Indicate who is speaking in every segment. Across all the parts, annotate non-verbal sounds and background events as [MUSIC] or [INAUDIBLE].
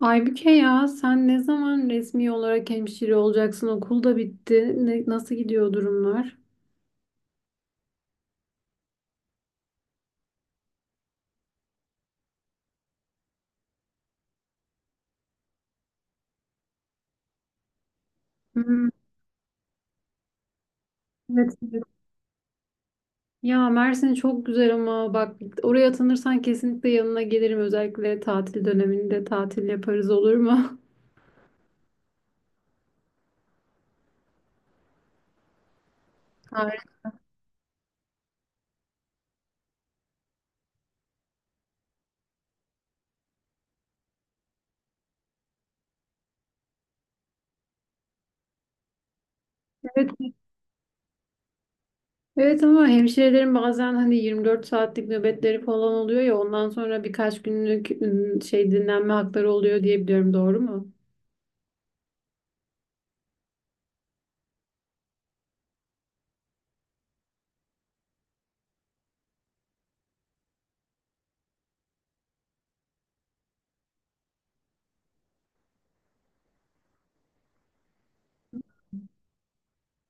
Speaker 1: Aybüke, ya sen ne zaman resmi olarak hemşire olacaksın? Okul da bitti. Nasıl gidiyor durumlar? Hmm, evet, evet. Ya Mersin çok güzel ama bak, oraya atanırsan kesinlikle yanına gelirim. Özellikle tatil döneminde tatil yaparız, olur mu? [LAUGHS] Harika. Evet, evet ama hemşirelerin bazen hani 24 saatlik nöbetleri falan oluyor ya, ondan sonra birkaç günlük ım, şey dinlenme hakları oluyor diye biliyorum, doğru mu?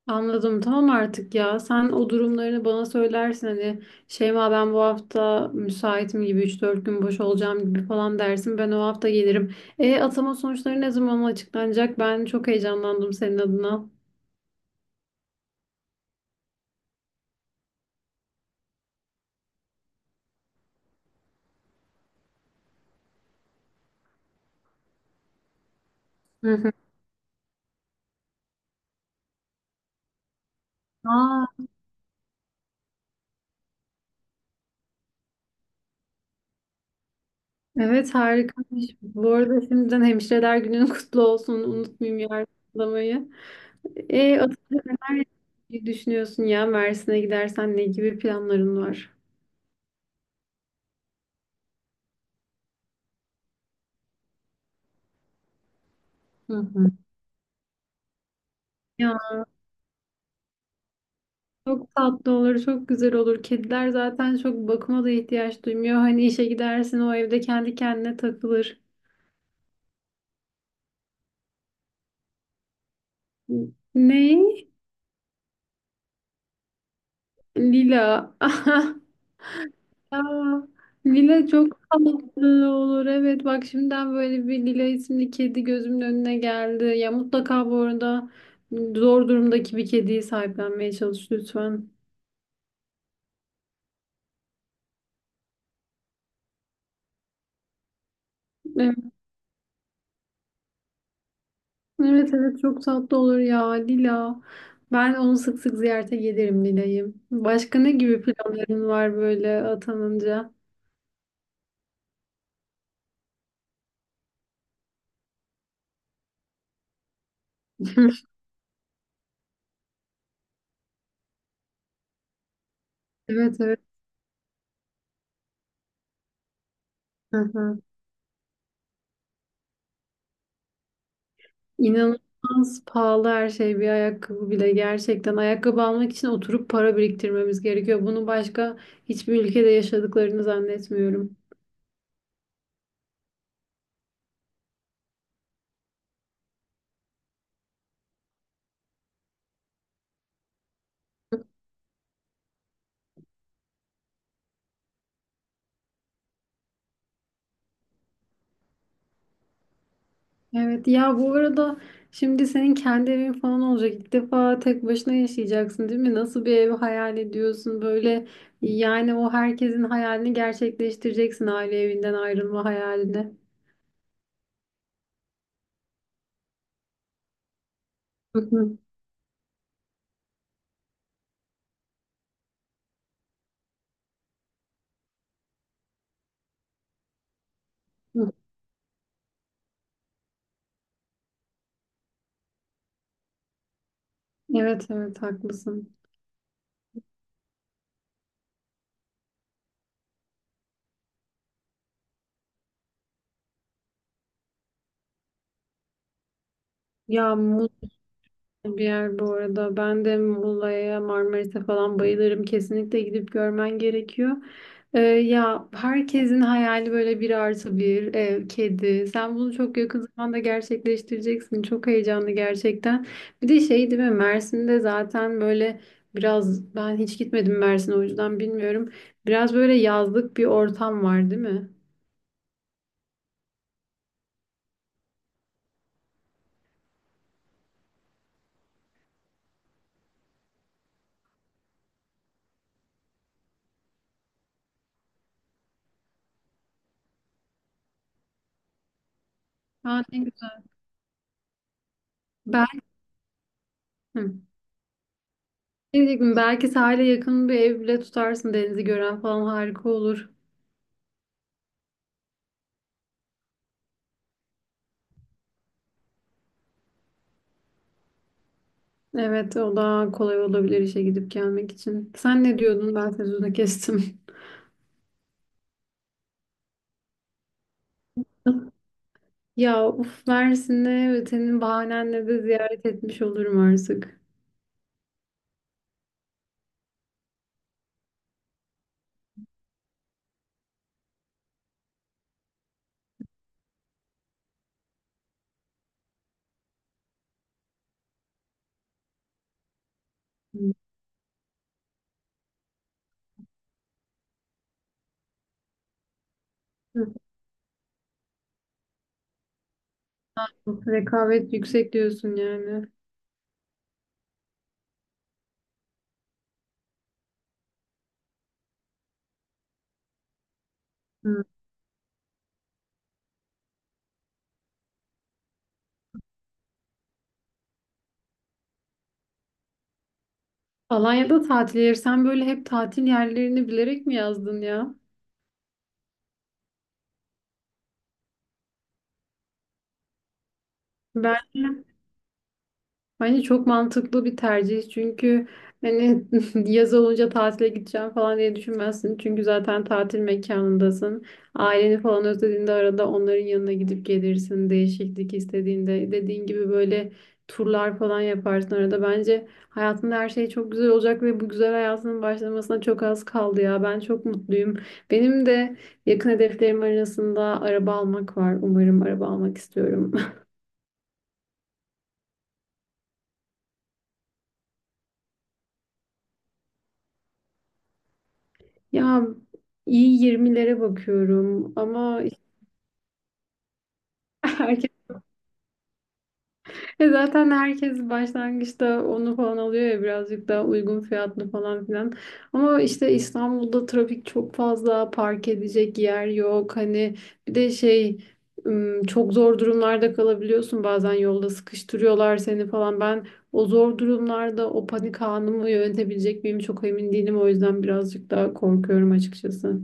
Speaker 1: Anladım. Tamam artık ya. Sen o durumlarını bana söylersin. Hani Şeyma, ben bu hafta müsaitim gibi, üç dört gün boş olacağım gibi falan dersin. Ben o hafta gelirim. E atama sonuçları ne zaman açıklanacak? Ben çok heyecanlandım senin adına. Hı hı. Aa, evet, harikaymış. Bu arada şimdiden hemşireler günün [LAUGHS] kutlu olsun. Unutmayayım yardımlamayı. E atama neler düşünüyorsun ya? Mersin'e gidersen ne gibi planların var? Hı hı. Çok tatlı olur, çok güzel olur. Kediler zaten çok bakıma da ihtiyaç duymuyor. Hani işe gidersin, o evde kendi kendine takılır. Ne? Lila. [LAUGHS] Aa, Lila çok tatlı olur. Evet, bak şimdiden böyle bir Lila isimli kedi gözümün önüne geldi. Ya mutlaka bu arada zor durumdaki bir kediyi sahiplenmeye çalış lütfen. Evet. Evet, evet, çok tatlı olur ya Lila. Ben onu sık sık ziyarete gelirim, Lila'yı. Başka ne gibi planların var böyle atanınca? [LAUGHS] Evet, evet. Hı hı. İnanılmaz pahalı her şey, bir ayakkabı bile gerçekten. Ayakkabı almak için oturup para biriktirmemiz gerekiyor. Bunu başka hiçbir ülkede yaşadıklarını zannetmiyorum. Evet ya, bu arada şimdi senin kendi evin falan olacak. İlk defa tek başına yaşayacaksın, değil mi? Nasıl bir ev hayal ediyorsun böyle? Yani o herkesin hayalini gerçekleştireceksin, aile evinden ayrılma hayalini. Hı hı, hı. Evet, evet, haklısın. Ya bir yer bu arada. Ben de Muğla'ya, Marmaris'e falan bayılırım. Kesinlikle gidip görmen gerekiyor. Ya herkesin hayali böyle bir artı bir ev, kedi. Sen bunu çok yakın zamanda gerçekleştireceksin. Çok heyecanlı gerçekten. Bir de şey değil mi? Mersin'de zaten böyle biraz, ben hiç gitmedim Mersin'e, o yüzden bilmiyorum. Biraz böyle yazlık bir ortam var değil mi? Aa, ne güzel. Ben. Hı. Ne diyecektim? Belki sahile yakın bir ev bile tutarsın. Denizi gören falan harika olur. Evet, o daha kolay olabilir işe gidip gelmek için. Sen ne diyordun? Ben sözünü kestim. [LAUGHS] Ya uf, Mersin'e senin bahanenle de ziyaret etmiş olurum artık. [LAUGHS] Hı. Rekabet yüksek diyorsun yani. Hı. Alanya'da tatil yeri. Sen böyle hep tatil yerlerini bilerek mi yazdın ya? Ben. Bence çok mantıklı bir tercih, çünkü hani [LAUGHS] yaz olunca tatile gideceğim falan diye düşünmezsin. Çünkü zaten tatil mekanındasın. Aileni falan özlediğinde arada onların yanına gidip gelirsin. Değişiklik istediğinde dediğin gibi böyle turlar falan yaparsın arada. Bence hayatında her şey çok güzel olacak ve bu güzel hayatının başlamasına çok az kaldı ya. Ben çok mutluyum. Benim de yakın hedeflerim arasında araba almak var. Umarım, araba almak istiyorum. [LAUGHS] Ya iyi, yirmilere bakıyorum ama işte [LAUGHS] herkes, e zaten herkes başlangıçta onu falan alıyor ya, birazcık daha uygun fiyatlı falan filan. Ama işte İstanbul'da trafik çok fazla, park edecek yer yok. Hani bir de çok zor durumlarda kalabiliyorsun bazen, yolda sıkıştırıyorlar seni falan. Ben o zor durumlarda o panik anımı yönetebilecek miyim çok emin değilim. O yüzden birazcık daha korkuyorum açıkçası.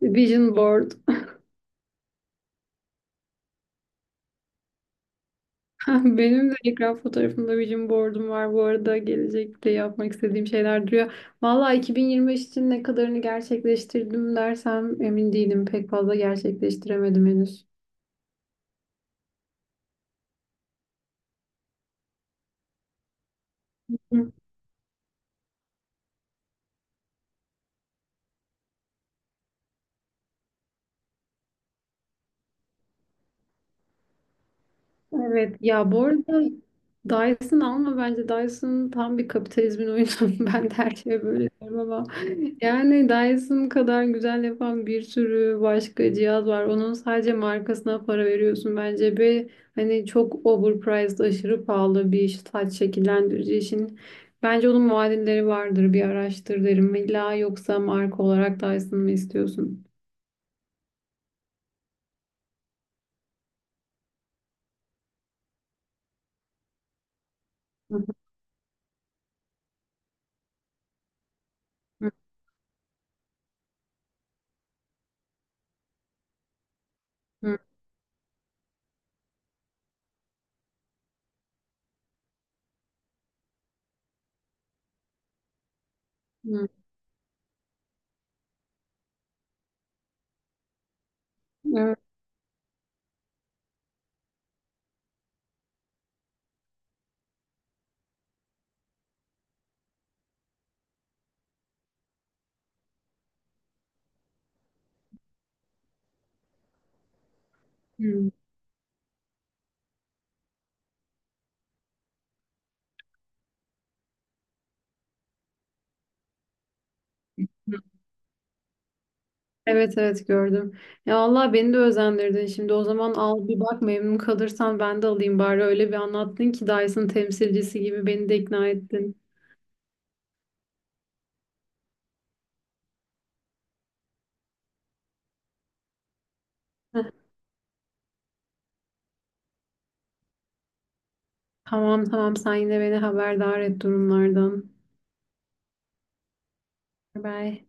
Speaker 1: Vision board. [LAUGHS] Ah, benim de ekran fotoğrafımda vision board'um var. Bu arada gelecekte yapmak istediğim şeyler duruyor. Valla 2025 için ne kadarını gerçekleştirdim dersem emin değilim. Pek fazla gerçekleştiremedim henüz. Evet ya, bu arada Dyson alma, bence Dyson tam bir kapitalizmin oyunu. [LAUGHS] Ben de her şeye böyle diyorum ama yani Dyson kadar güzel yapan bir sürü başka cihaz var. Onun sadece markasına para veriyorsun bence ve hani çok overpriced, aşırı pahalı bir saç şekillendirici için. Bence onun muadilleri vardır, bir araştır derim. İlla yoksa marka olarak Dyson mı istiyorsun? Hı hı hı. Hı. Evet. Hı. Evet, evet, gördüm. Ya Allah, beni de özendirdin. Şimdi o zaman al bir bak, memnun kalırsan ben de alayım bari. Öyle bir anlattın ki Dyson temsilcisi gibi beni de ikna ettin. Heh, tamam, tamam, sen yine beni haberdar et durumlardan. Bye.